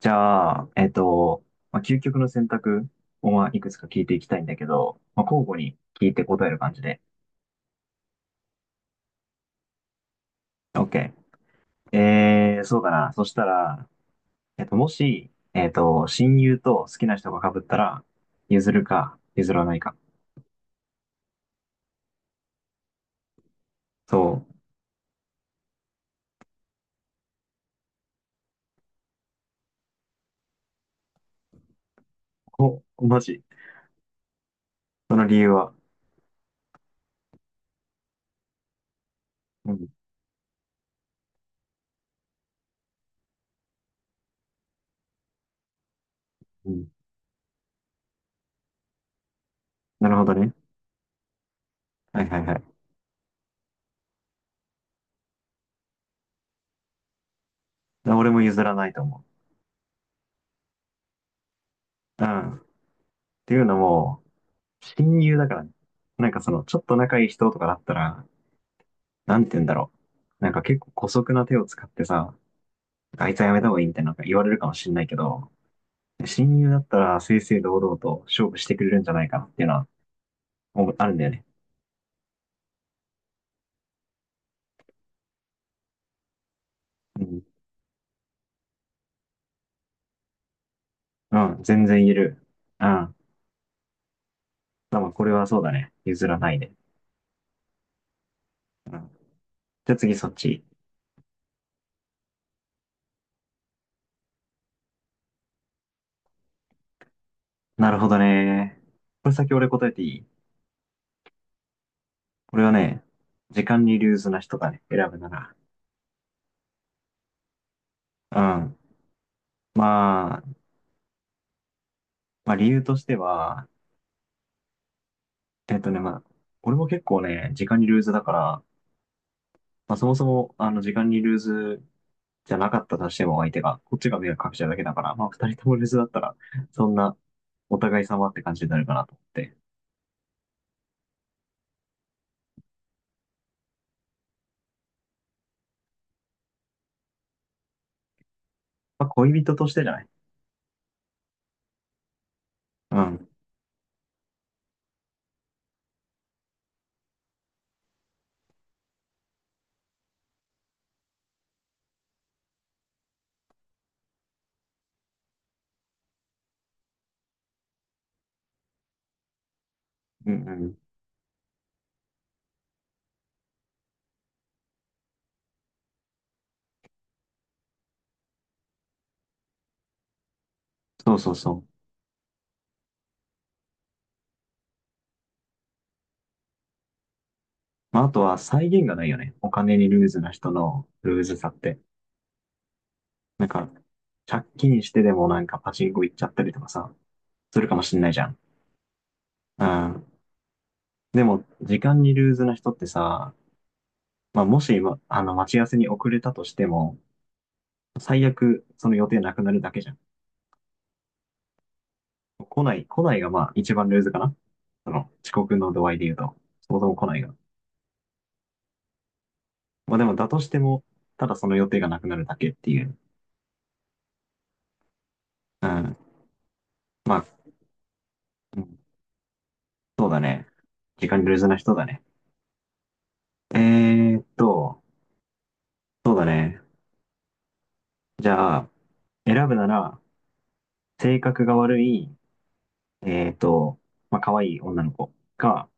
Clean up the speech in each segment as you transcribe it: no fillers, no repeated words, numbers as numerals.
じゃあ、まあ、究極の選択を、まあ、いくつか聞いていきたいんだけど、まあ、交互に聞いて答える感じで。OK。そうだな。そしたら、もし、親友と好きな人が被ったら、譲るか、譲らないか。そう。お、マジ。その理由は？うん、うん。なるほどね。はいはいはい。俺も譲らないと思う。うん。っていうのも、親友だからね。なんかその、ちょっと仲いい人とかだったら、なんて言うんだろう。なんか結構姑息な手を使ってさ、あいつはやめた方がいいみたいななんか言われるかもしんないけど、親友だったら正々堂々と勝負してくれるんじゃないかなっていうのは思うあるんだよね。うん。うん、全然言える。うん。でもこれはそうだね。譲らないで。うん。じゃあ次そっち。なるほどね。これ先俺答えていい？俺はね、時間にルーズな人がね、選ぶなら。うん。まあ、まあ理由としては、まあ、俺も結構ね、時間にルーズだから、まあ、そもそも、時間にルーズじゃなかったとしても相手が、こっちが迷惑かけちゃうだけだから、まあ、二人ともルーズだったら、そんな、お互い様って感じになるかなと思って。まあ、恋人としてじゃない？うん。うんうん。そうそうそう。まあ、あとは、際限がないよね。お金にルーズな人のルーズさって。なんか、借金してでもなんかパチンコ行っちゃったりとかさ、するかもしんないじゃん。うん。でも、時間にルーズな人ってさ、まあ、もし、まあの、待ち合わせに遅れたとしても、最悪、その予定なくなるだけじゃん。来ない、来ないがまあ一番ルーズかな。その遅刻の度合いで言うと、そもそも来ないが。まあでもだとしても、ただその予定がなくなるだけっていう。うん。まあ、うんそうだね。時間ルーズな人だね。えーっと、そうだね。じゃあ、選ぶなら、性格が悪い、えーっと、まあ可愛い女の子か、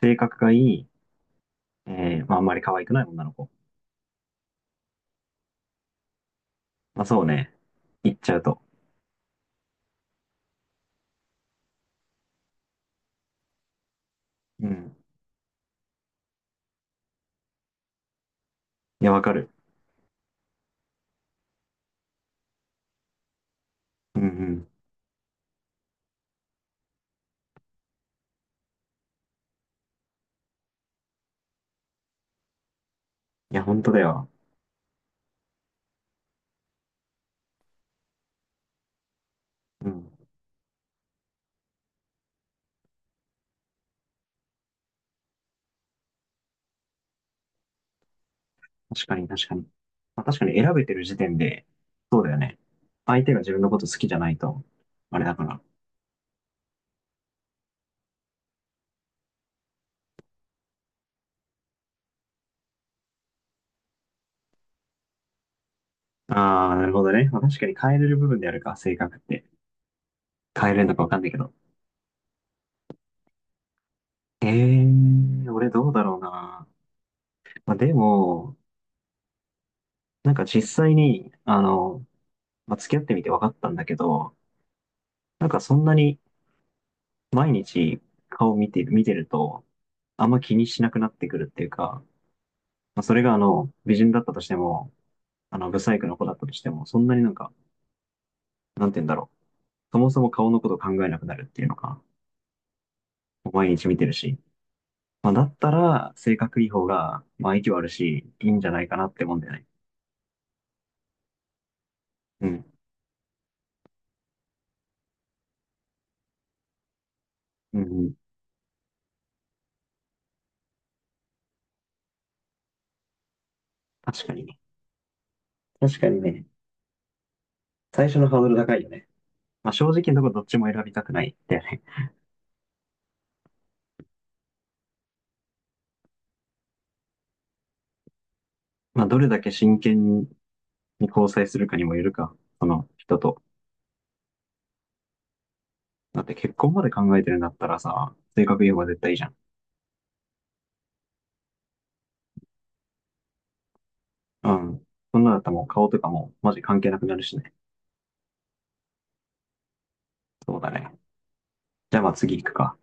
性格がいい、まああんまり可愛くない女の子。まあそうね。言っちゃうと。うん。いや、わかる。うんうん。いや、本当だよ。うん。確かに、確かに。まあ、確かに選べてる時点で、そうだよね。相手が自分のこと好きじゃないと、あれだから。ああ、なるほどね。まあ、確かに変えれる部分であるか、性格って。変えれるのかわかんないけど。ええー、俺どうだろうな。まあ、でも、なんか実際に、まあ、付き合ってみて分かったんだけど、なんかそんなに毎日顔見てると、あんま気にしなくなってくるっていうか、まあ、それが美人だったとしても、ブサイクの子だったとしても、そんなになんか、なんて言うんだろう。そもそも顔のこと考えなくなるっていうのか、毎日見てるし。まあ、だったら、性格いい方が、まあ、息はあるし、いいんじゃないかなってもんだよね。うん。うんうん。確かに。確かにね。最初のハードル高いよね。まあ、正直なとこどっちも選びたくないんだよね。まあ、どれだけ真剣に交際するかにもよるか、その人と。だって結婚まで考えてるんだったらさ、性格いい方が絶対いいじゃん。うん。そんなだったらもう顔とかもマジ関係なくなるしね。そうだね。じゃあまあ次行くか。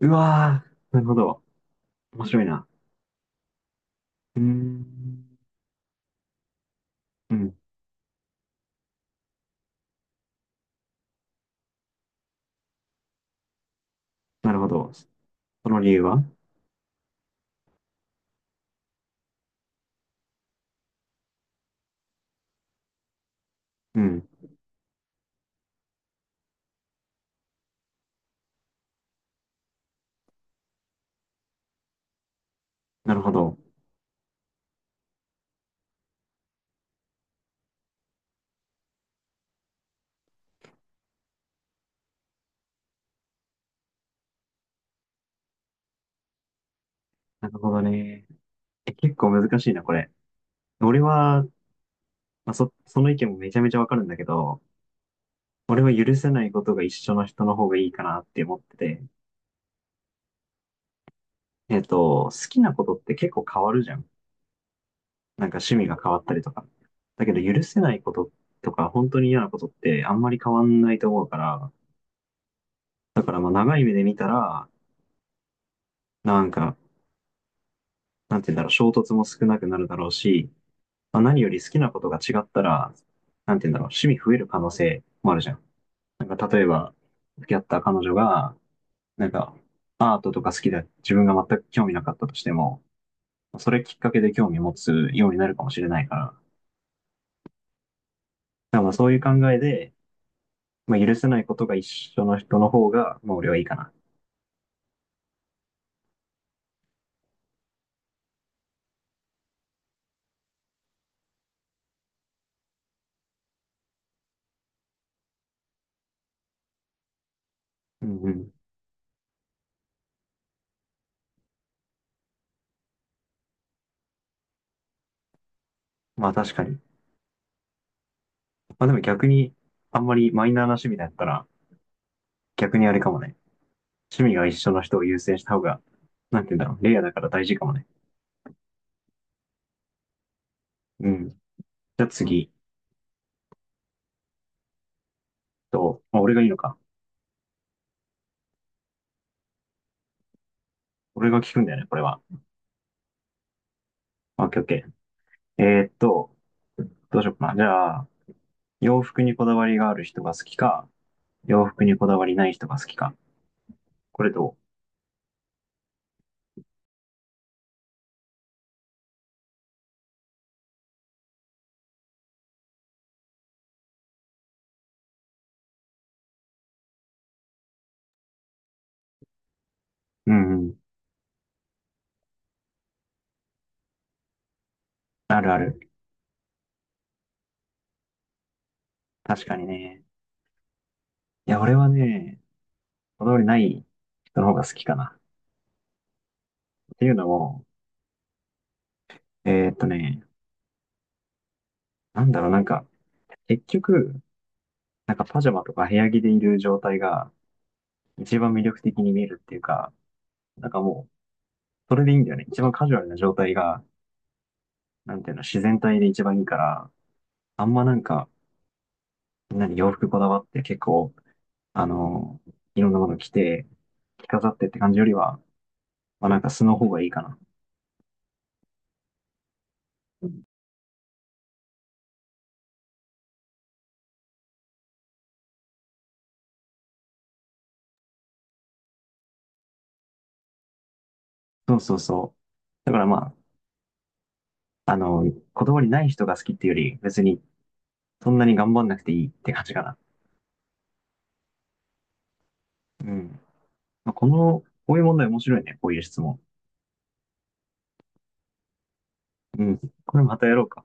うわー、なるほど。面白いな。うーん。うん。なるほど。その理由は？うん。なるほど。なるほどね。え、結構難しいな、これ。俺は、まあ、その意見もめちゃめちゃわかるんだけど、俺は許せないことが一緒の人の方がいいかなって思ってて。好きなことって結構変わるじゃん。なんか趣味が変わったりとか。だけど許せないこととか、本当に嫌なことってあんまり変わんないと思うから、だからまあ長い目で見たら、なんか、なんて言うんだろう、衝突も少なくなるだろうし、まあ、何より好きなことが違ったら、なんて言うんだろう、趣味増える可能性もあるじゃん。なんか例えば、付き合った彼女が、なんか、アートとか好きで自分が全く興味なかったとしても、それきっかけで興味持つようになるかもしれないから、だからまあそういう考えで、まあ、許せないことが一緒の人の方が、まあ俺はいいかな。うんうん。まあ確かに。まあでも逆に、あんまりマイナーな趣味だったら、逆にあれかもね。趣味が一緒の人を優先した方が、なんて言うんだろう。レイヤーだから大事かもね。うん。じゃあ次と、まあ、俺がいいのか。俺が聞くんだよね、これは。オッケーオッケー。どうしようかな。じゃあ、洋服にこだわりがある人が好きか、洋服にこだわりない人が好きか。これどう？うんうん。あるある。確かにね。いや、俺はね、こだわりない人の方が好きかな。っていうのも、えーっとね、なんだろう、なんか、結局、なんかパジャマとか部屋着でいる状態が一番魅力的に見えるっていうか、なんかもう、それでいいんだよね。一番カジュアルな状態が、なんていうの、自然体で一番いいから、あんまなんか、みんなに洋服こだわって結構、あの、いろんなもの着て、着飾ってって感じよりは、まあなんか素の方がいいかな。そうそうそう。だからまあ、こだわりない人が好きっていうより、別にそんなに頑張んなくていいって感じかな。うん。まあこの、こういう問題面白いね。こういう質問。うん。これまたやろうか。